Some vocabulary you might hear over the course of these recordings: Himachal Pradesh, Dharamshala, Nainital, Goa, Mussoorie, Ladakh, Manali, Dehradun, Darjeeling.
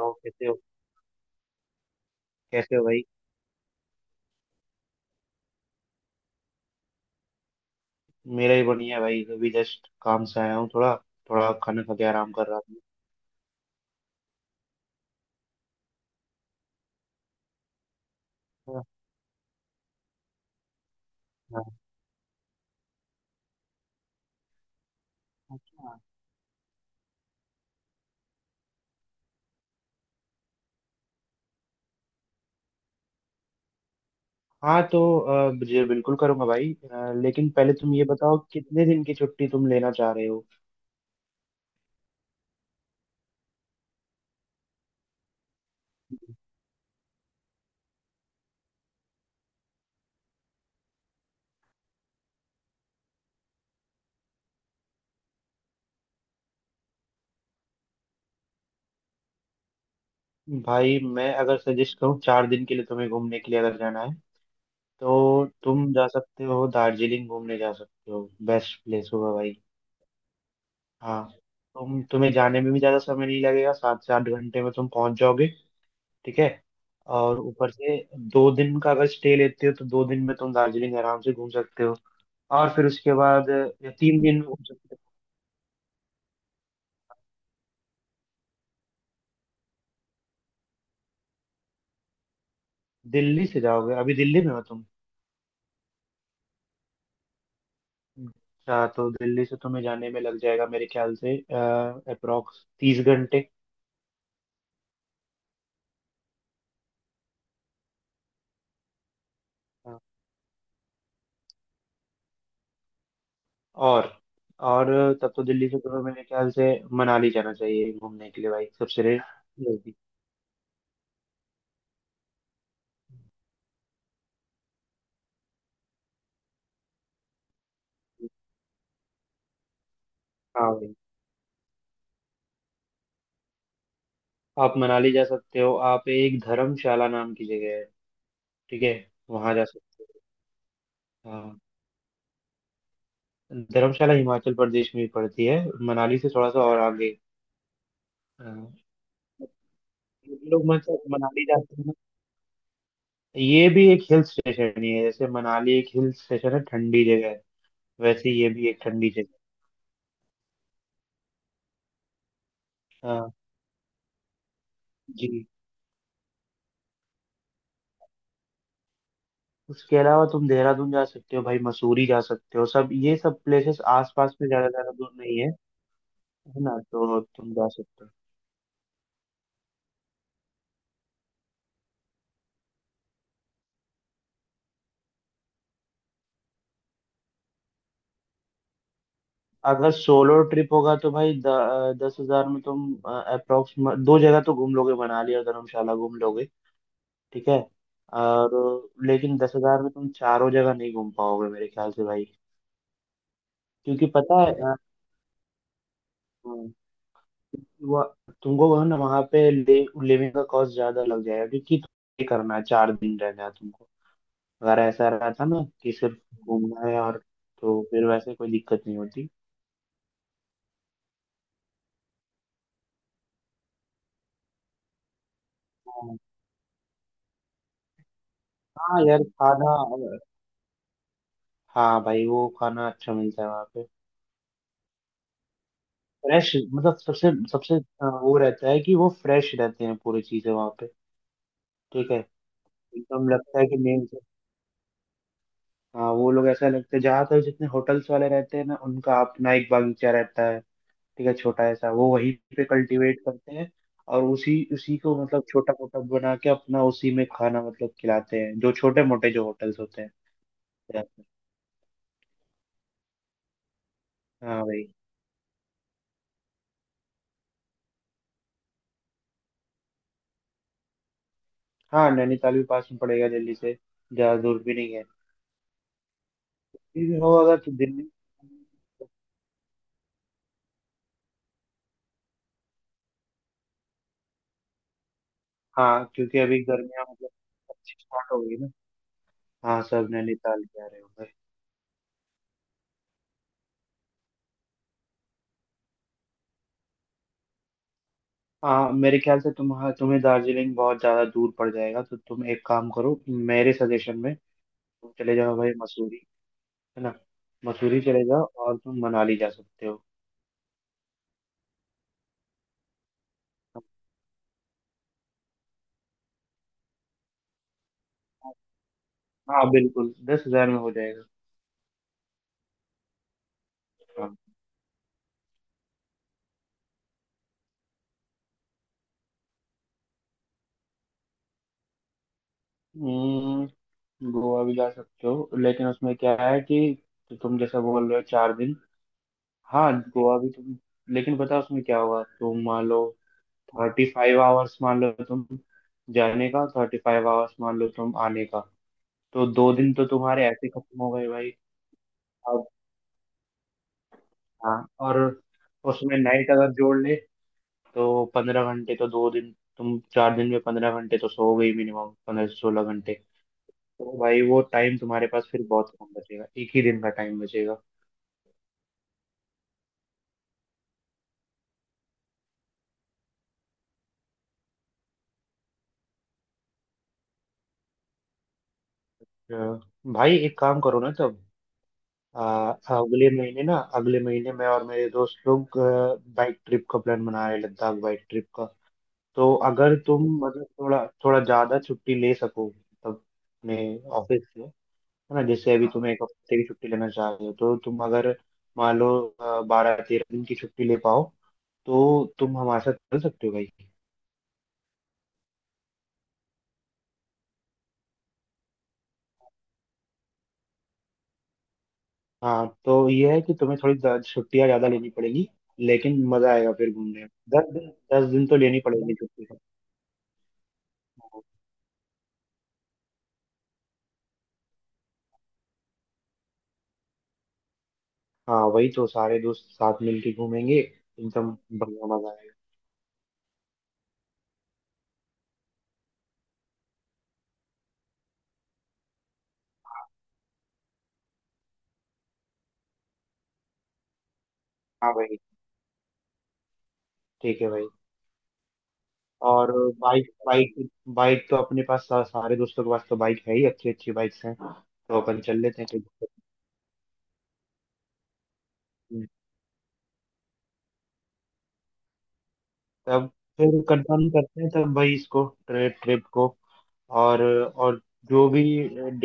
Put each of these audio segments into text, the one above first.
हो कैसे हो। कैसे हो भाई? मेरा ही बढ़िया है भाई, अभी जस्ट काम से आया हूँ, थोड़ा थोड़ा खाना खा के आराम कर रहा था। हाँ। अच्छा। हाँ, तो जी बिल्कुल करूंगा भाई। लेकिन पहले तुम ये बताओ कितने दिन की छुट्टी तुम लेना चाह रहे हो? भाई मैं अगर सजेस्ट करूँ 4 दिन के लिए तुम्हें घूमने के लिए अगर जाना है तो तुम जा सकते हो, दार्जिलिंग घूमने जा सकते हो, बेस्ट प्लेस होगा भाई। हाँ, तुम्हें जाने में भी ज्यादा समय नहीं लगेगा, 7 से 8 घंटे में तुम पहुंच जाओगे। ठीक है। और ऊपर से 2 दिन का अगर स्टे लेते हो तो 2 दिन में तुम दार्जिलिंग आराम से घूम सकते हो। और फिर उसके बाद या 3 दिन में घूम सकते हो। दिल्ली से जाओगे? अभी दिल्ली में हो तुम? अच्छा, तो दिल्ली से तुम्हें जाने में लग जाएगा मेरे ख्याल से अप्रोक्स 30 घंटे। हाँ। और और तब तो दिल्ली से तुम्हें मेरे ख्याल से मनाली जाना चाहिए घूमने के लिए भाई, सबसे नजदीक। हाँ भाई। आप मनाली जा सकते हो। आप, एक धर्मशाला नाम की जगह है, ठीक है, वहां जा सकते हो। हाँ, धर्मशाला हिमाचल प्रदेश में ही पड़ती है, मनाली से थोड़ा सा और आगे। अ, लोग मतलब मनाली जाते हैं ना। ये भी एक हिल स्टेशन ही है, जैसे मनाली एक हिल स्टेशन है, ठंडी जगह है। वैसे ये भी एक ठंडी जगह है। हाँ। जी। उसके अलावा तुम देहरादून जा सकते हो भाई, मसूरी जा सकते हो, सब ये सब प्लेसेस आसपास में, ज्यादा ज्यादा दूर नहीं है। है ना, तो तुम जा सकते हो। अगर सोलो ट्रिप होगा तो भाई, 10,000 में तुम अप्रोक्स दो जगह तो घूम लोगे, मनाली और धर्मशाला घूम लोगे। ठीक है। और लेकिन 10,000 में तुम चारों जगह नहीं घूम पाओगे मेरे ख्याल से भाई। क्योंकि पता है, क्योंकि तुमको वह ना वहाँ पे लिविंग का कॉस्ट ज्यादा लग जाएगा क्योंकि तुम्हें करना है, 4 दिन रहना है तुमको। अगर ऐसा रहा था ना कि सिर्फ घूमना है और तो फिर वैसे कोई दिक्कत नहीं होती। हाँ। हाँ यार, खाना, हाँ भाई, वो खाना अच्छा मिलता है वहाँ पे। फ्रेश, मतलब सबसे सबसे वो रहता है कि वो फ्रेश रहते हैं, पूरी चीजें वहाँ पे। ठीक है, एकदम लगता है कि, हाँ, वो लोग ऐसा लगता है जहाँ तक जितने होटल्स वाले रहते हैं ना उनका अपना एक बगीचा रहता है, ठीक है, छोटा ऐसा, वो वहीं पे कल्टीवेट करते हैं और उसी उसी को मतलब छोटा मोटा बना के अपना उसी में खाना मतलब खिलाते हैं जो छोटे मोटे जो होटल्स होते हैं देहात में। हाँ भाई। हाँ, नैनीताल भी पास में पड़ेगा दिल्ली से, ज्यादा दूर भी नहीं है। फिर भी हो अगर तो दिल्ली। हाँ क्योंकि अभी गर्मियाँ मतलब अच्छी स्टार्ट हो गई ना। हाँ, सब नैनीताल जा रहे हो। हाँ, मेरे ख्याल से तुम्हारा, तुम्हें दार्जिलिंग बहुत ज्यादा दूर पड़ जाएगा, तो तुम एक काम करो, मेरे सजेशन में तुम चले जाओ भाई मसूरी, है ना, मसूरी चले जाओ और तुम मनाली जा सकते हो। हाँ बिल्कुल, 10,000 में हो जाएगा। हाँ। हम्म, गोवा भी जा सकते हो लेकिन उसमें क्या है कि तुम जैसा बोल रहे हो 4 दिन। हाँ, गोवा भी तुम, लेकिन पता है उसमें क्या होगा, तुम मान लो 35 आवर्स मान लो तुम जाने का, 35 आवर्स मान लो तुम आने का। तो 2 दिन तो तुम्हारे ऐसे ही खत्म हो गए भाई। अब, हाँ, और उसमें नाइट अगर जोड़ ले तो 15 घंटे तो 2 दिन, तुम 4 दिन में 15 घंटे तो सो गई, मिनिमम 15 से 16 घंटे। तो भाई वो टाइम तुम्हारे पास फिर बहुत कम बचेगा, एक ही दिन का टाइम बचेगा। अ, भाई एक काम करो ना तब। आ, अगले महीने ना, अगले महीने मैं और मेरे दोस्त लोग बाइक ट्रिप का प्लान बना रहे हैं, लद्दाख बाइक ट्रिप का। तो अगर तुम मतलब थोड़ा थोड़ा ज्यादा छुट्टी ले सको तब अपने ऑफिस से, है ना। जैसे अभी तुम एक हफ्ते की छुट्टी लेना चाह रहे हो, तो तुम अगर मान लो 12-13 दिन की छुट्टी ले पाओ तो तुम हमारे साथ चल सकते हो भाई। हाँ, तो ये है कि तुम्हें छुट्टियाँ ज्यादा लेनी पड़ेगी लेकिन मजा आएगा फिर घूमने में। दस दिन दस दिन तो लेनी पड़ेगी छुट्टी। तो। हाँ वही, तो सारे दोस्त साथ मिलके घूमेंगे एकदम, बढ़िया मजा आएगा। हाँ भाई। ठीक है भाई। और बाइक बाइक बाइक तो अपने पास, सारे दोस्तों के पास तो बाइक है ही, अच्छी अच्छी बाइक्स हैं, तो अपन चल लेते हैं कहीं। तब, फिर कंफर्म करते हैं तब भाई इसको ट्रिप ट्रिप को और जो भी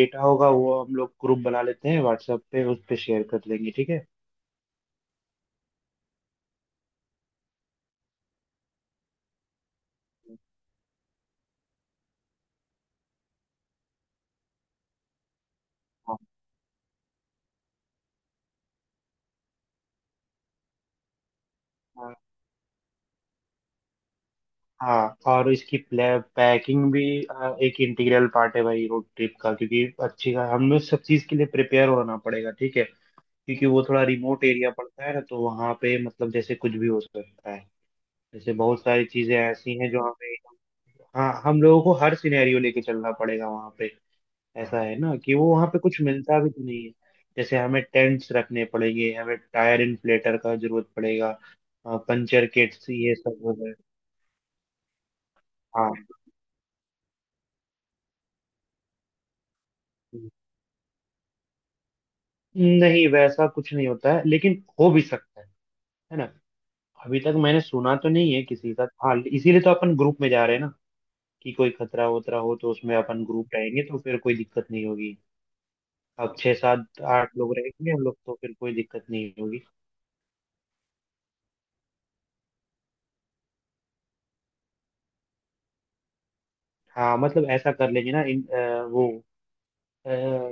डेटा होगा वो हम लोग ग्रुप बना लेते हैं व्हाट्सएप पे, उस पे शेयर कर लेंगे, ठीक है। हाँ। हाँ, हाँ, और इसकी पैकिंग भी एक इंटीग्रल पार्ट है भाई रोड ट्रिप का, क्योंकि अच्छी का हमें सब चीज़ के लिए प्रिपेयर होना पड़ेगा, ठीक है। क्योंकि वो थोड़ा रिमोट एरिया पड़ता है ना, तो वहाँ पे मतलब जैसे कुछ भी हो सकता है। जैसे बहुत सारी चीज़ें ऐसी हैं जो हमें, हाँ हम लोगों को हर सिनेरियो लेके चलना पड़ेगा वहाँ पे। ऐसा है ना कि वो वहां पे कुछ मिलता भी तो नहीं है। जैसे हमें टेंट्स रखने पड़ेंगे, हमें टायर इन्फ्लेटर का जरूरत पड़ेगा, पंचर किट्स ये सब वगैरह। हाँ, नहीं वैसा कुछ नहीं होता है लेकिन हो भी सकता है। है ना। अभी तक मैंने सुना तो नहीं है किसी का, हाँ इसीलिए तो अपन ग्रुप में जा रहे हैं ना, कि कोई खतरा वतरा हो तो उसमें अपन ग्रुप रहेंगे तो फिर कोई दिक्कत नहीं होगी। अब छह सात आठ लोग रहेंगे हम लोग तो फिर कोई दिक्कत नहीं होगी। हाँ मतलब ऐसा कर लेंगे ना, इन वो, अ,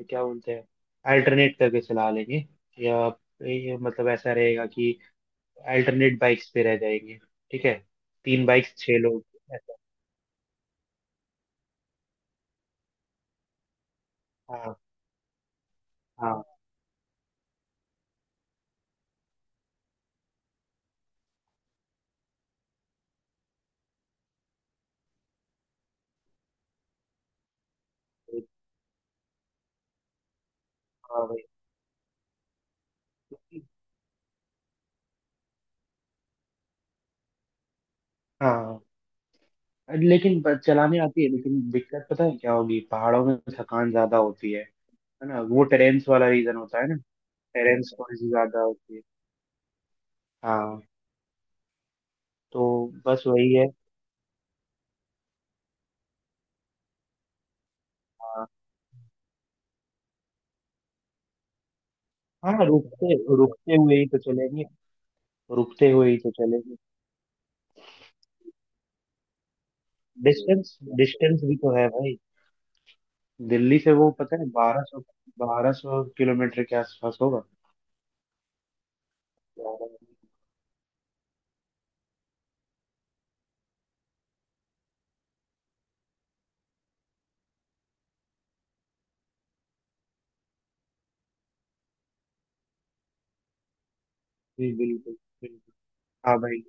क्या बोलते हैं, अल्टरनेट करके चला लेंगे, या ये मतलब ऐसा रहेगा कि अल्टरनेट बाइक्स पे रह जाएंगे। ठीक है, तीन बाइक्स छह लोग, ऐसा। हाँ। हाँ। हाँ भाई। हाँ, लेकिन चलाने आती है लेकिन दिक्कत पता है क्या होगी, पहाड़ों में थकान ज्यादा होती है। है ना, वो टेरेंस वाला रीजन होता है ना। टेरेंस थोड़ी सी ज्यादा होती है। हाँ। तो बस वही है। हाँ। हाँ, रुकते रुकते हुए ही तो चलेंगे, रुकते हुए ही तो चलेंगे। डिस्टेंस, डिस्टेंस भी तो है भाई। दिल्ली से वो पता है 1200, 1200 किलोमीटर के आसपास होगा। बारह- जी बिल्कुल, बिल्कुल। हाँ भाई।